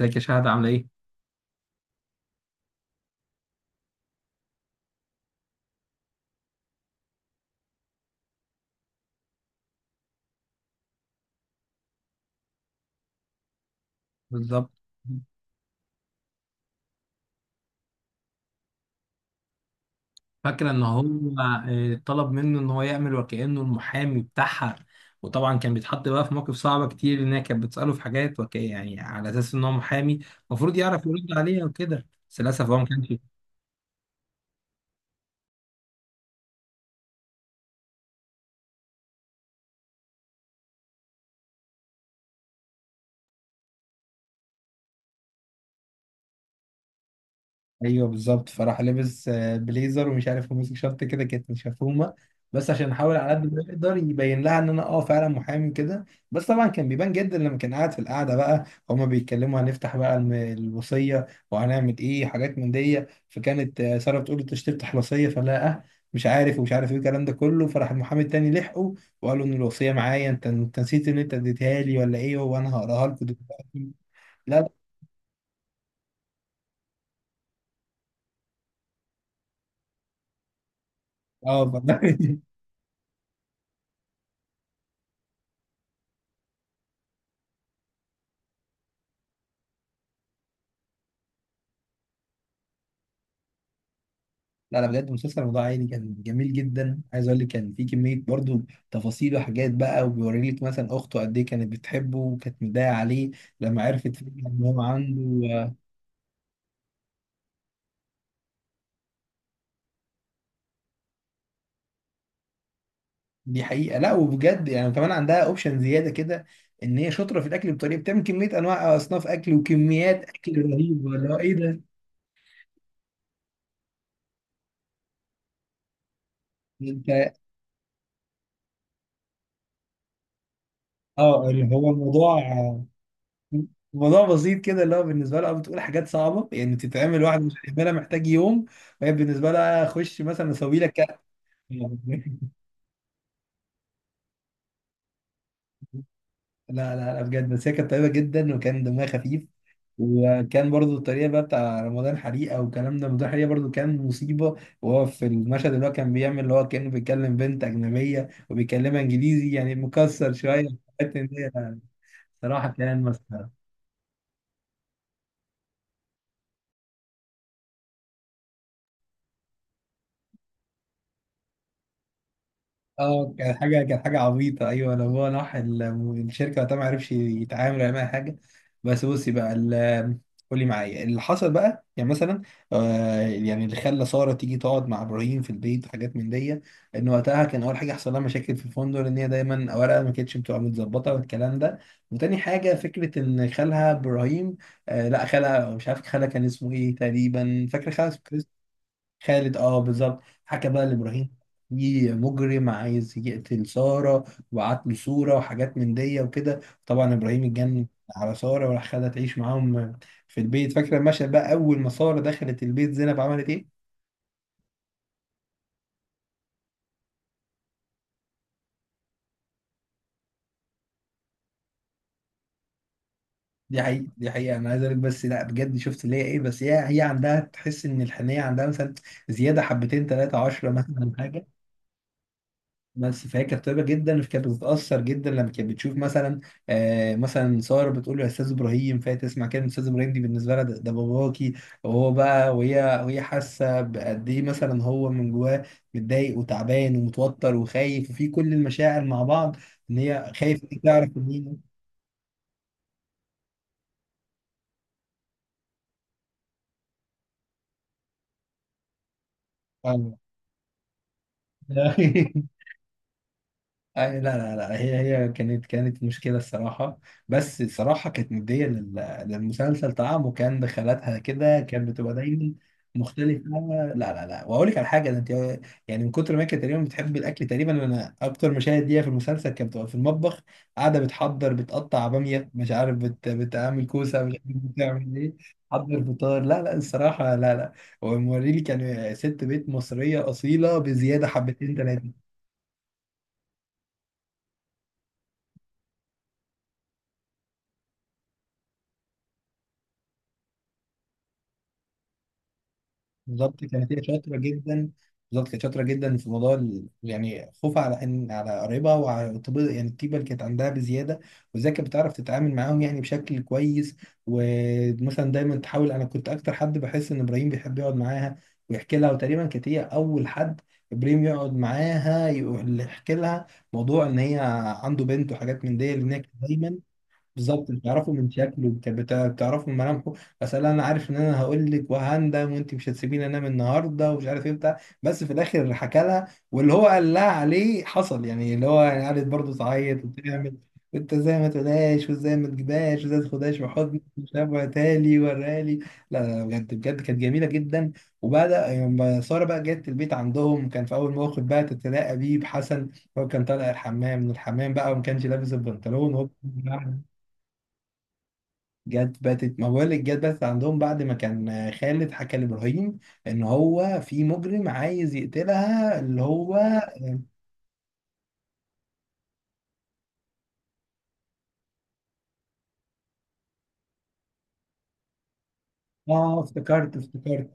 ازيك يا شهد، عامله ايه؟ بالظبط. فاكره ان هو طلب منه ان هو يعمل وكانه المحامي بتاعها. وطبعا كان بيتحط بقى في مواقف صعبه كتير، ان هي كانت بتساله في حاجات يعني على اساس ان هو محامي، المفروض يعرف يرد عليها وكده، بس للاسف هو ما كانش. ايوه بالظبط، فراح لابس بليزر ومش عارف ماسك شنطه كده كانت مشفومه، بس عشان احاول على قد ما يقدر يبين لها ان انا فعلا محامي كده. بس طبعا كان بيبان جدا لما كان قاعد في القعده بقى هما بيتكلموا، هنفتح بقى الوصيه وهنعمل ايه حاجات من دي. فكانت ساره بتقول له انت مش تفتح الوصيه، فلا مش عارف ومش عارف ايه الكلام ده كله، فراح المحامي التاني لحقه وقال له ان الوصيه معايا، انت نسيت ان انت اديتها لي ولا ايه، وانا هقراها لكم دلوقتي. لا لا. اه والله. لا لا، بجد مسلسل موضوع عائلي كان جميل جدا. عايز اقول لك كان في كميه برضو تفاصيل وحاجات بقى، وبيوري لك مثلا اخته قد ايه كانت بتحبه وكانت مضايقه عليه لما عرفت فجأة ان هو عنده. دي حقيقه. لا وبجد يعني كمان عندها اوبشن زياده كده، ان هي شاطره في الاكل، بطريقه بتعمل كميه انواع اصناف اكل وكميات اكل رهيبه، اللي هو ايه ده؟ انت. اه، اللي هو الموضوع بسيط كده، اللي هو بالنسبه لها بتقول حاجات صعبه يعني تتعمل، واحد مش هيعملها محتاج يوم. وهي بالنسبه لها اخش مثلا اسوي لك. لا لا لا، بجد بس هي كانت طيبة جدا وكان دمها خفيف. وكان برضو الطريقة بقى بتاع رمضان حريقة والكلام ده، رمضان حريقة برضو كان مصيبة. وهو في المشهد اللي هو كان بيعمل اللي هو كأنه بيتكلم بنت أجنبية وبيكلمها إنجليزي يعني مكسر شوية، حتى إن هي صراحة كان مسخرة. اه، كانت حاجه عبيطه، ايوه. لو هو راح الشركه وقتها ما عرفش يتعامل ولا معاها حاجه. بس بصي بقى قولي معايا اللي حصل بقى يعني مثلا يعني اللي خلى ساره تيجي تقعد مع ابراهيم في البيت وحاجات من دي. ان وقتها كان اول حاجه حصل لها مشاكل في الفندق، ان هي دايما اوراقها ما كانتش بتبقى متظبطه والكلام ده. وتاني حاجه فكره ان خالها ابراهيم، لا خالها مش عارف خالها كان اسمه ايه تقريبا. فاكر خالها؟ خالد، بالظبط. حكى بقى لابراهيم في مجرم عايز يقتل ساره وبعت له صوره وحاجات من دي وكده. طبعا ابراهيم اتجنن على ساره وراح خدها تعيش معاهم في البيت. فاكره المشهد بقى اول ما ساره دخلت البيت زينب عملت ايه؟ دي حقيقة دي حقيقة، أنا عايز أقولك، بس لا بجد شفت اللي هي إيه، بس هي عندها تحس إن الحنية عندها مثلا زيادة حبتين تلاتة عشرة مثلا حاجة. بس فهي كانت طيبه جدا، فكانت بتتاثر جدا لما كانت بتشوف مثلا ساره بتقول له يا استاذ ابراهيم، فهي تسمع كلمه استاذ ابراهيم دي بالنسبه لها ده باباكي. وهو بقى وهي حاسه بقد ايه مثلا هو من جواه متضايق وتعبان ومتوتر وخايف وفي كل المشاعر مع بعض. ان هي خايف إن هي تعرف مين. أيوة. لا لا لا، هي كانت مشكلة الصراحة. بس الصراحة كانت مدية للمسلسل طعم، وكان دخلاتها كده كانت بتبقى دايما مختلفة. لا لا لا، وأقول لك على حاجة، ده أنت يعني من كتر ما كانت تقريبا بتحب الأكل تقريبا أنا أكتر مشاهد ليها في المسلسل كانت بتبقى في المطبخ قاعدة بتحضر، بتقطع بامية، مش عارف بتعمل كوسة، مش عارف بتعمل إيه. حضر فطار، لا لا الصراحة، لا لا. وموريلي كان ست بيت مصرية أصيلة بزيادة حبتين. بالظبط كانت هي شاطره جدا. بالظبط كانت شاطره جدا في موضوع يعني خوفها على ان على قرايبها وعلى يعني الطيبه اللي كانت عندها بزياده، وازاي كانت بتعرف تتعامل معاهم يعني بشكل كويس. ومثلا دايما تحاول، انا كنت اكتر حد بحس ان ابراهيم بيحب يقعد معاها ويحكي لها، وتقريبا كانت هي اول حد ابراهيم يقعد معاها يحكي لها موضوع ان هي عنده بنت وحاجات من دي، لان هي كانت دايما بالظبط بتعرفوا من شكله بتعرفوا من ملامحه. بس انا عارف ان انا هقول لك وهندم وانت مش هتسيبيني انام النهارده ومش عارف ايه بتاع. بس في الاخر حكى لها واللي هو قال لها عليه حصل يعني اللي هو يعني قعدت برضه تعيط وتعمل، انت ازاي ما تقولهاش، وازاي ما تجيبهاش، وازاي ما تاخدهاش في حضنك، مش عارف، وهاتها لي وراها لي. لا لا، بجد بجد كانت جميله جدا. وبدا لما ساره بقى جت البيت عندهم كان في اول موقف بقى تتلاقى بيه بحسن، هو كان طالع من الحمام بقى وما كانش لابس البنطلون وهو. جت باتت ما بقول لك جت باتت عندهم بعد ما كان خالد حكى لابراهيم ان هو في مجرم عايز يقتلها اللي هو. اه افتكرت.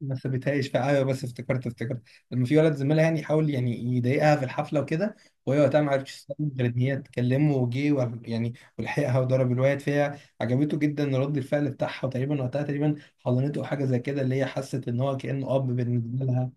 ما سابتهاش في، ايوه بس افتكرت لما في ولد زميلها يعني حاول يعني يضايقها في الحفله وكده، وهي وقتها ما عرفتش تستنى غير ان هي تكلمه وجه يعني، ولحقها وضرب الواد فيها، عجبته جدا رد الفعل بتاعها، وتقريبا وقتها تقريبا حضنته او حاجه زي كده اللي هي حست ان هو كانه اب بالنسبه لها.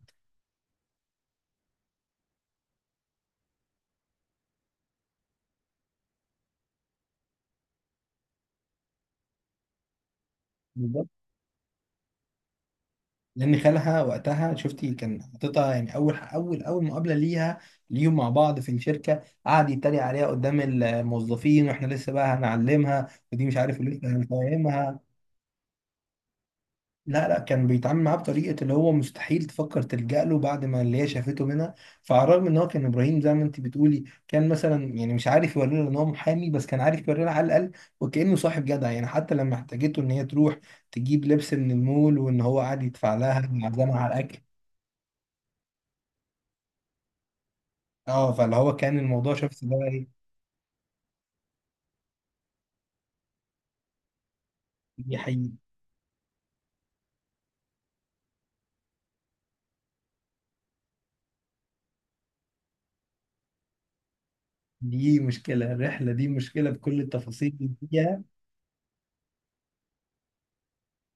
لان خالها وقتها شفتي كان حاططها يعني اول مقابله ليهم مع بعض في الشركه قعد يتريق عليها قدام الموظفين واحنا لسه بقى هنعلمها ودي مش عارف لسه هنفهمها. لا لا، كان بيتعامل معاه بطريقه اللي هو مستحيل تفكر تلجأ له بعد ما اللي هي شافته منها. فعلى الرغم ان هو كان ابراهيم زي ما انت بتقولي كان مثلا يعني مش عارف يوري لها ان هو محامي، بس كان عارف يوري لها على الاقل وكانه صاحب جدع يعني، حتى لما احتاجته ان هي تروح تجيب لبس من المول وان هو قاعد يدفع لها معزمه على الاكل. اه فاللي هو كان الموضوع شفت اللي هو ايه. دي حقيقي. دي مشكلة، الرحلة دي مشكلة بكل التفاصيل اللي فيها.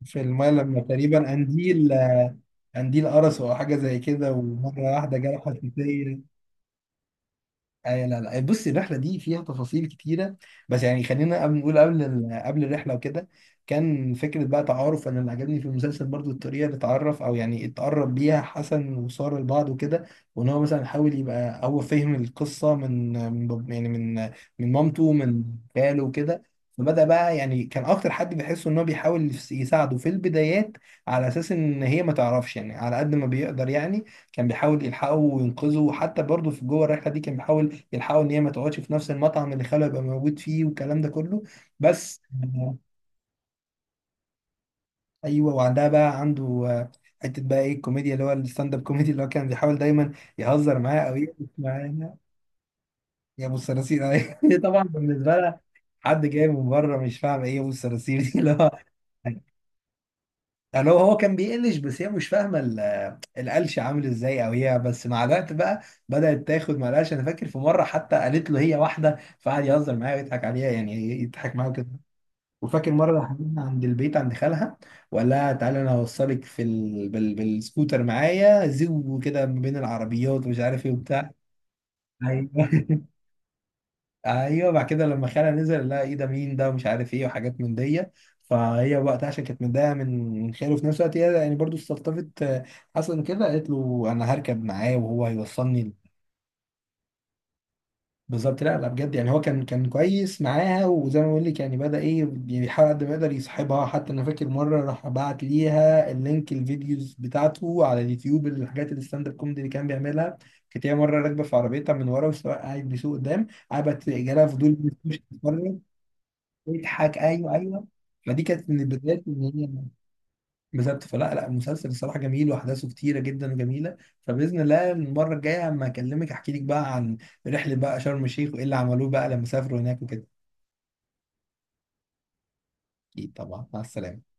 في الماء لما تقريبا قنديل قرصه أو حاجة زي كده ومرة واحدة جاله حساسية. لا لا، بص الرحله دي فيها تفاصيل كتيره. بس يعني خلينا قبل نقول قبل قبل الرحله وكده، كان فكره بقى تعارف. انا اللي عجبني في المسلسل برضو الطريقه اللي اتعرف او يعني اتقرب بيها حسن وساره لبعض وكده، وان هو مثلا حاول يبقى هو فهم القصه من يعني من مامته من خاله وكده. فبدأ بقى يعني كان اكتر حد بيحس ان هو بيحاول يساعده في البدايات، على اساس ان هي ما تعرفش يعني على قد ما بيقدر يعني، كان بيحاول يلحقه وينقذه. وحتى برضه في جوه الرحله دي كان بيحاول يلحقوا ان هي ما تقعدش في نفس المطعم اللي خاله يبقى موجود فيه والكلام ده كله. بس آه، ايوه وعندها بقى عنده حته بقى ايه الكوميديا اللي هو الستاند اب كوميدي اللي هو كان بيحاول دايما يهزر معاه او يقف معانا. يا ابو الصراصير. أيوة. هي طبعا بالنسبه لها حد جاي من بره مش فاهم ايه يا ابو الصراصير دي اللي هو يعني هو كان بيقلش بس هي مش فاهمه القلش عامل ازاي، او هي بس مع الوقت بقى بدات تاخد مع القلش. انا فاكر في مره حتى قالت له هي واحده فقعد يهزر معايا ويضحك عليها يعني يضحك معاها. وفاكر مره حبيبنا عند البيت عند خالها، وقال لها تعالى انا هوصلك بالسكوتر معايا زو كده ما بين العربيات ومش عارف ايه وبتاع. ايوه. ايوه بعد كده لما خالها نزل، لا ايه ده مين ده ومش عارف ايه وحاجات من دي، فهي وقتها عشان كانت متضايقه من خاله وفي نفس الوقت هي يعني برضو استلطفت حسن كده، قالت له انا هركب معاه وهو هيوصلني. بالظبط، لا لا بجد يعني هو كان كويس معاها، وزي ما بقول لك يعني بدأ ايه يعني بيحاول قد ما يقدر يصاحبها. حتى انا فاكر مره راح بعت ليها اللينك الفيديوز بتاعته على اليوتيوب، الحاجات الستاند اب كوميدي اللي كان بيعملها، كانت هي مره راكبه في عربيتها من ورا والسواق قاعد بيسوق قدام، قعدت جالها فضول تخش تتفرج، تضحك. ايوه ايوه. فدي كانت من البدايات ان هي بالظبط. فلا لا مسلسل الصراحه جميل واحداثه كتيره جدا وجميله. فباذن الله المره الجايه اما اكلمك احكي لك بقى عن رحله بقى شرم الشيخ وايه اللي عملوه بقى لما سافروا هناك وكده. اكيد طبعا، مع السلامه.